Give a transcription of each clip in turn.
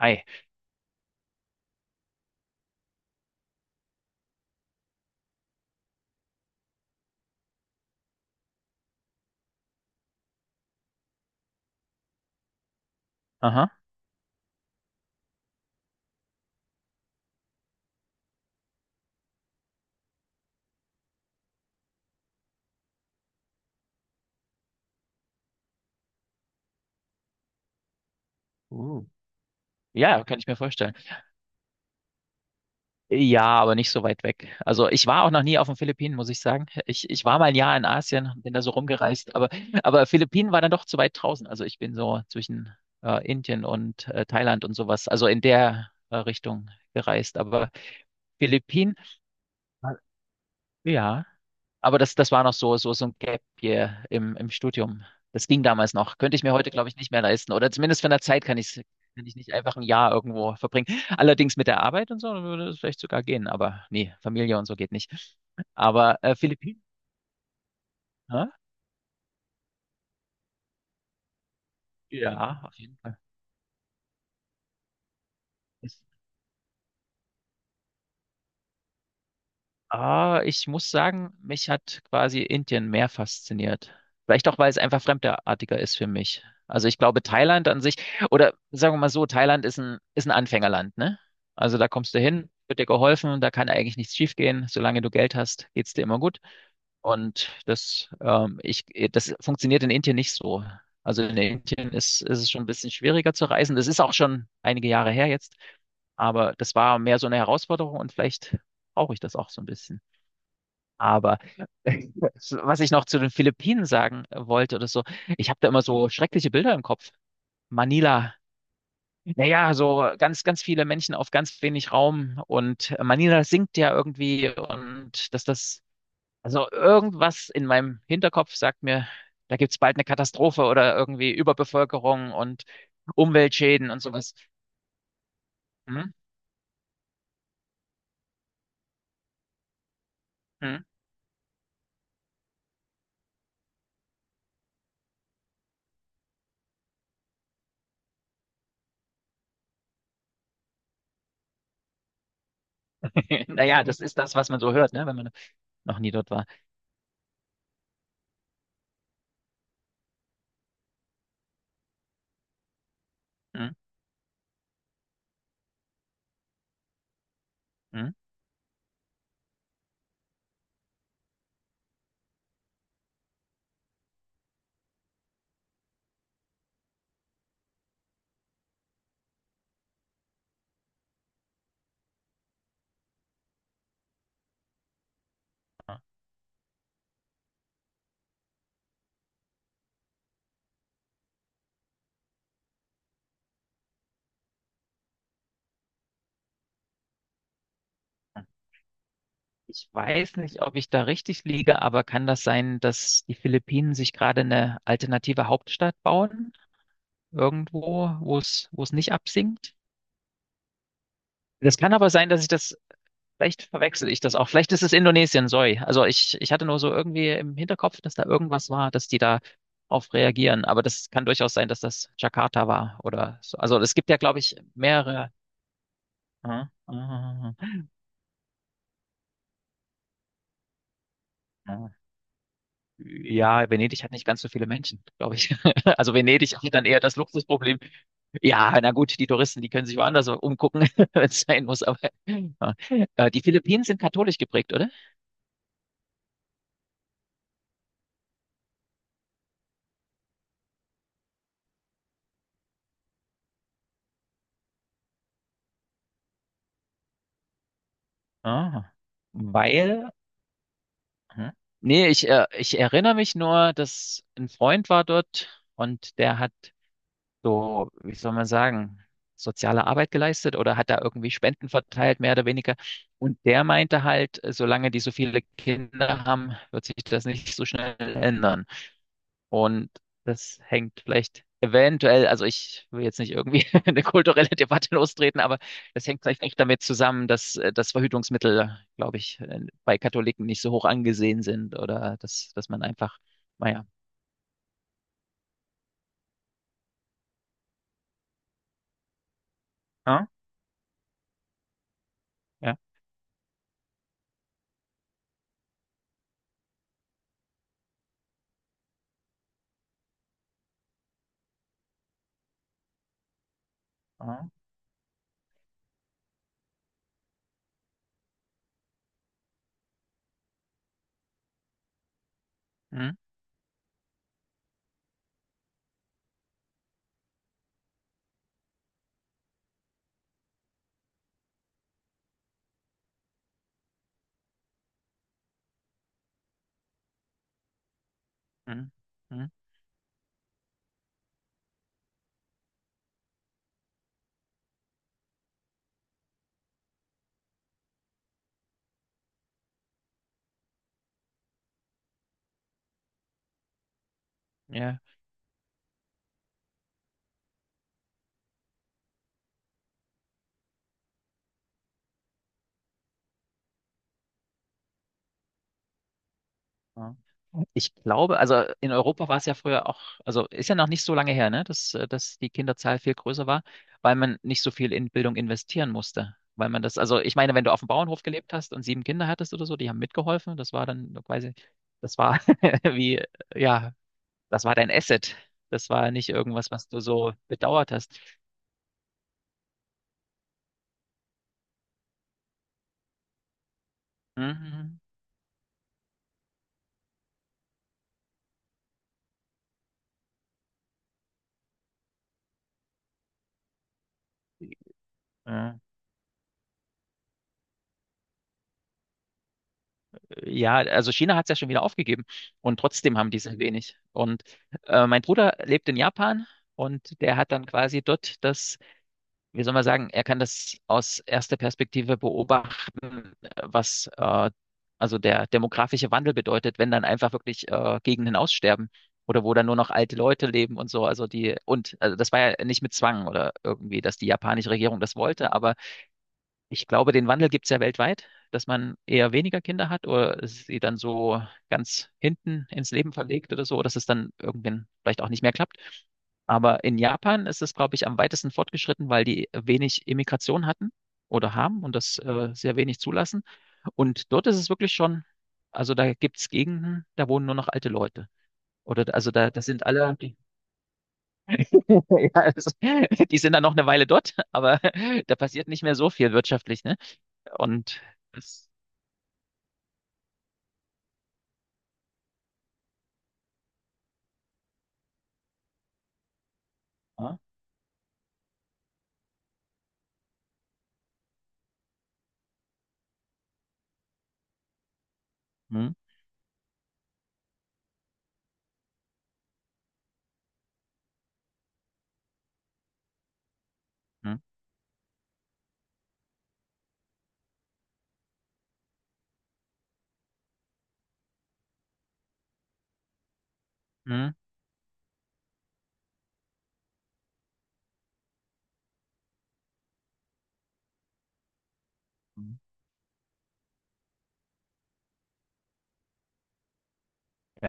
Ei. Aha. Uh. Ja, kann ich mir vorstellen. Ja, aber nicht so weit weg. Also ich war auch noch nie auf den Philippinen, muss ich sagen. Ich war mal ein Jahr in Asien, bin da so rumgereist, aber Philippinen war dann doch zu weit draußen. Also ich bin so zwischen Indien und Thailand und sowas, also in der Richtung gereist. Aber Philippinen, ja. Aber das war noch so ein Gap hier im Studium. Das ging damals noch. Könnte ich mir heute, glaube ich, nicht mehr leisten. Oder zumindest von der Zeit kann ich nicht einfach ein Jahr irgendwo verbringen. Allerdings mit der Arbeit und so würde es vielleicht sogar gehen, aber nee, Familie und so geht nicht. Aber Philippinen, hä? Ja, auf jeden Fall. Ah, ich muss sagen, mich hat quasi Indien mehr fasziniert. Vielleicht auch, weil es einfach fremdartiger ist für mich. Also ich glaube, Thailand an sich, oder sagen wir mal so, Thailand ist ein Anfängerland, ne? Also da kommst du hin, wird dir geholfen, da kann eigentlich nichts schiefgehen. Solange du Geld hast, geht's dir immer gut. Und das, ähm, ich, Das funktioniert in Indien nicht so. Also in Indien ist es schon ein bisschen schwieriger zu reisen. Das ist auch schon einige Jahre her jetzt. Aber das war mehr so eine Herausforderung und vielleicht brauche ich das auch so ein bisschen. Aber was ich noch zu den Philippinen sagen wollte oder so, ich habe da immer so schreckliche Bilder im Kopf. Manila, naja, so ganz, ganz viele Menschen auf ganz wenig Raum und Manila sinkt ja irgendwie und dass das, also irgendwas in meinem Hinterkopf sagt mir, da gibt's bald eine Katastrophe oder irgendwie Überbevölkerung und Umweltschäden und sowas. Hm? Hm? Naja, das ist das, was man so hört, ne, wenn man noch nie dort war. Hm? Hm? Ah, ah. Ich weiß nicht, ob ich da richtig liege, aber kann das sein, dass die Philippinen sich gerade eine alternative Hauptstadt bauen? Irgendwo, wo es nicht absinkt? Das kann aber sein, dass ich das, vielleicht verwechsel ich das auch. Vielleicht ist es Indonesien, sorry. Also ich hatte nur so irgendwie im Hinterkopf, dass da irgendwas war, dass die da auf reagieren. Aber das kann durchaus sein, dass das Jakarta war oder so. Also es gibt ja, glaube ich, mehrere. Ah, ah, ah, ah. Ja, Venedig hat nicht ganz so viele Menschen, glaube ich. Also Venedig hat dann eher das Luxusproblem. Ja, na gut, die Touristen, die können sich woanders umgucken, wenn es sein muss. Aber ja. Die Philippinen sind katholisch geprägt, oder? Ah, weil, hm? Nee, ich erinnere mich nur, dass ein Freund war dort und der hat so, wie soll man sagen, soziale Arbeit geleistet oder hat da irgendwie Spenden verteilt, mehr oder weniger. Und der meinte halt, solange die so viele Kinder haben, wird sich das nicht so schnell ändern. Und das hängt vielleicht eventuell, also ich will jetzt nicht irgendwie eine kulturelle Debatte lostreten, aber das hängt vielleicht echt damit zusammen, dass das Verhütungsmittel, glaube ich, bei Katholiken nicht so hoch angesehen sind oder dass man einfach, naja, ja, ja, ja, hm, hm, hm, ja. Ja. Ich glaube, also in Europa war es ja früher auch, also ist ja noch nicht so lange her, ne, dass die Kinderzahl viel größer war, weil man nicht so viel in Bildung investieren musste. Weil man das, also ich meine, wenn du auf dem Bauernhof gelebt hast und sieben Kinder hattest oder so, die haben mitgeholfen, das war dann quasi, das war wie, ja, das war dein Asset. Das war nicht irgendwas, was du so bedauert hast. Mhm. Ja, also China hat es ja schon wieder aufgegeben und trotzdem haben die sehr wenig. Und mein Bruder lebt in Japan und der hat dann quasi dort das, wie soll man sagen, er kann das aus erster Perspektive beobachten, was also der demografische Wandel bedeutet, wenn dann einfach wirklich Gegenden aussterben oder wo dann nur noch alte Leute leben und so. Also die und also das war ja nicht mit Zwang oder irgendwie, dass die japanische Regierung das wollte, aber ich glaube, den Wandel gibt es ja weltweit, dass man eher weniger Kinder hat oder sie dann so ganz hinten ins Leben verlegt oder so, dass es dann irgendwann vielleicht auch nicht mehr klappt. Aber in Japan ist es, glaube ich, am weitesten fortgeschritten, weil die wenig Immigration hatten oder haben und das sehr wenig zulassen. Und dort ist es wirklich schon, also da gibt es Gegenden, da wohnen nur noch alte Leute. Oder also da, das sind alle, die, ja, also, die sind dann noch eine Weile dort, aber da passiert nicht mehr so viel wirtschaftlich, ne? Und es, ja, hm, hm, hm, hm,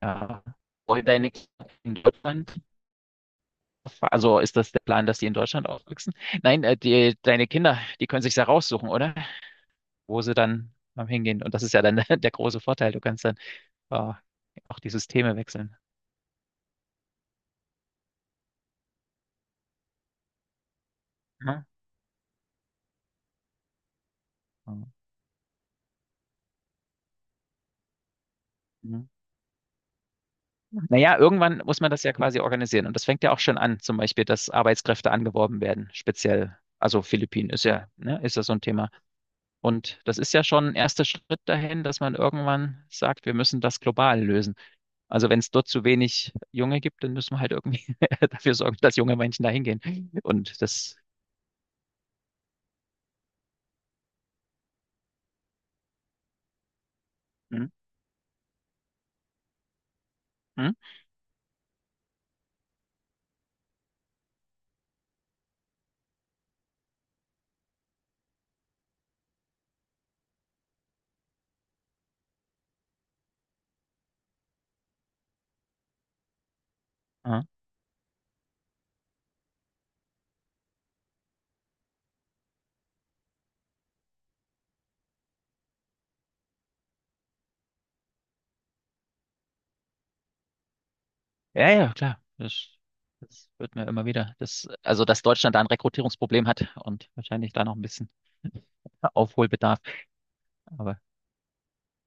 ja. Wollen deine Kinder in Deutschland, also ist das der Plan, dass die in Deutschland aufwachsen? Nein, die, deine Kinder, die können sich ja raussuchen, oder? Wo sie dann hingehen. Und das ist ja dann der große Vorteil. Du kannst dann äh, auch die Systeme wechseln. Ja. Mhm. Naja, irgendwann muss man das ja quasi organisieren. Und das fängt ja auch schon an, zum Beispiel, dass Arbeitskräfte angeworben werden, speziell. Also Philippinen ist ja, ne, ist ja so ein Thema. Und das ist ja schon ein erster Schritt dahin, dass man irgendwann sagt, wir müssen das global lösen. Also wenn es dort zu wenig Junge gibt, dann müssen wir halt irgendwie dafür sorgen, dass junge Menschen dahin gehen. Und das, hm, hm, ja, ja, ja, klar, das wird mir immer wieder, das, also dass Deutschland da ein Rekrutierungsproblem hat und wahrscheinlich da noch ein bisschen Aufholbedarf. Aber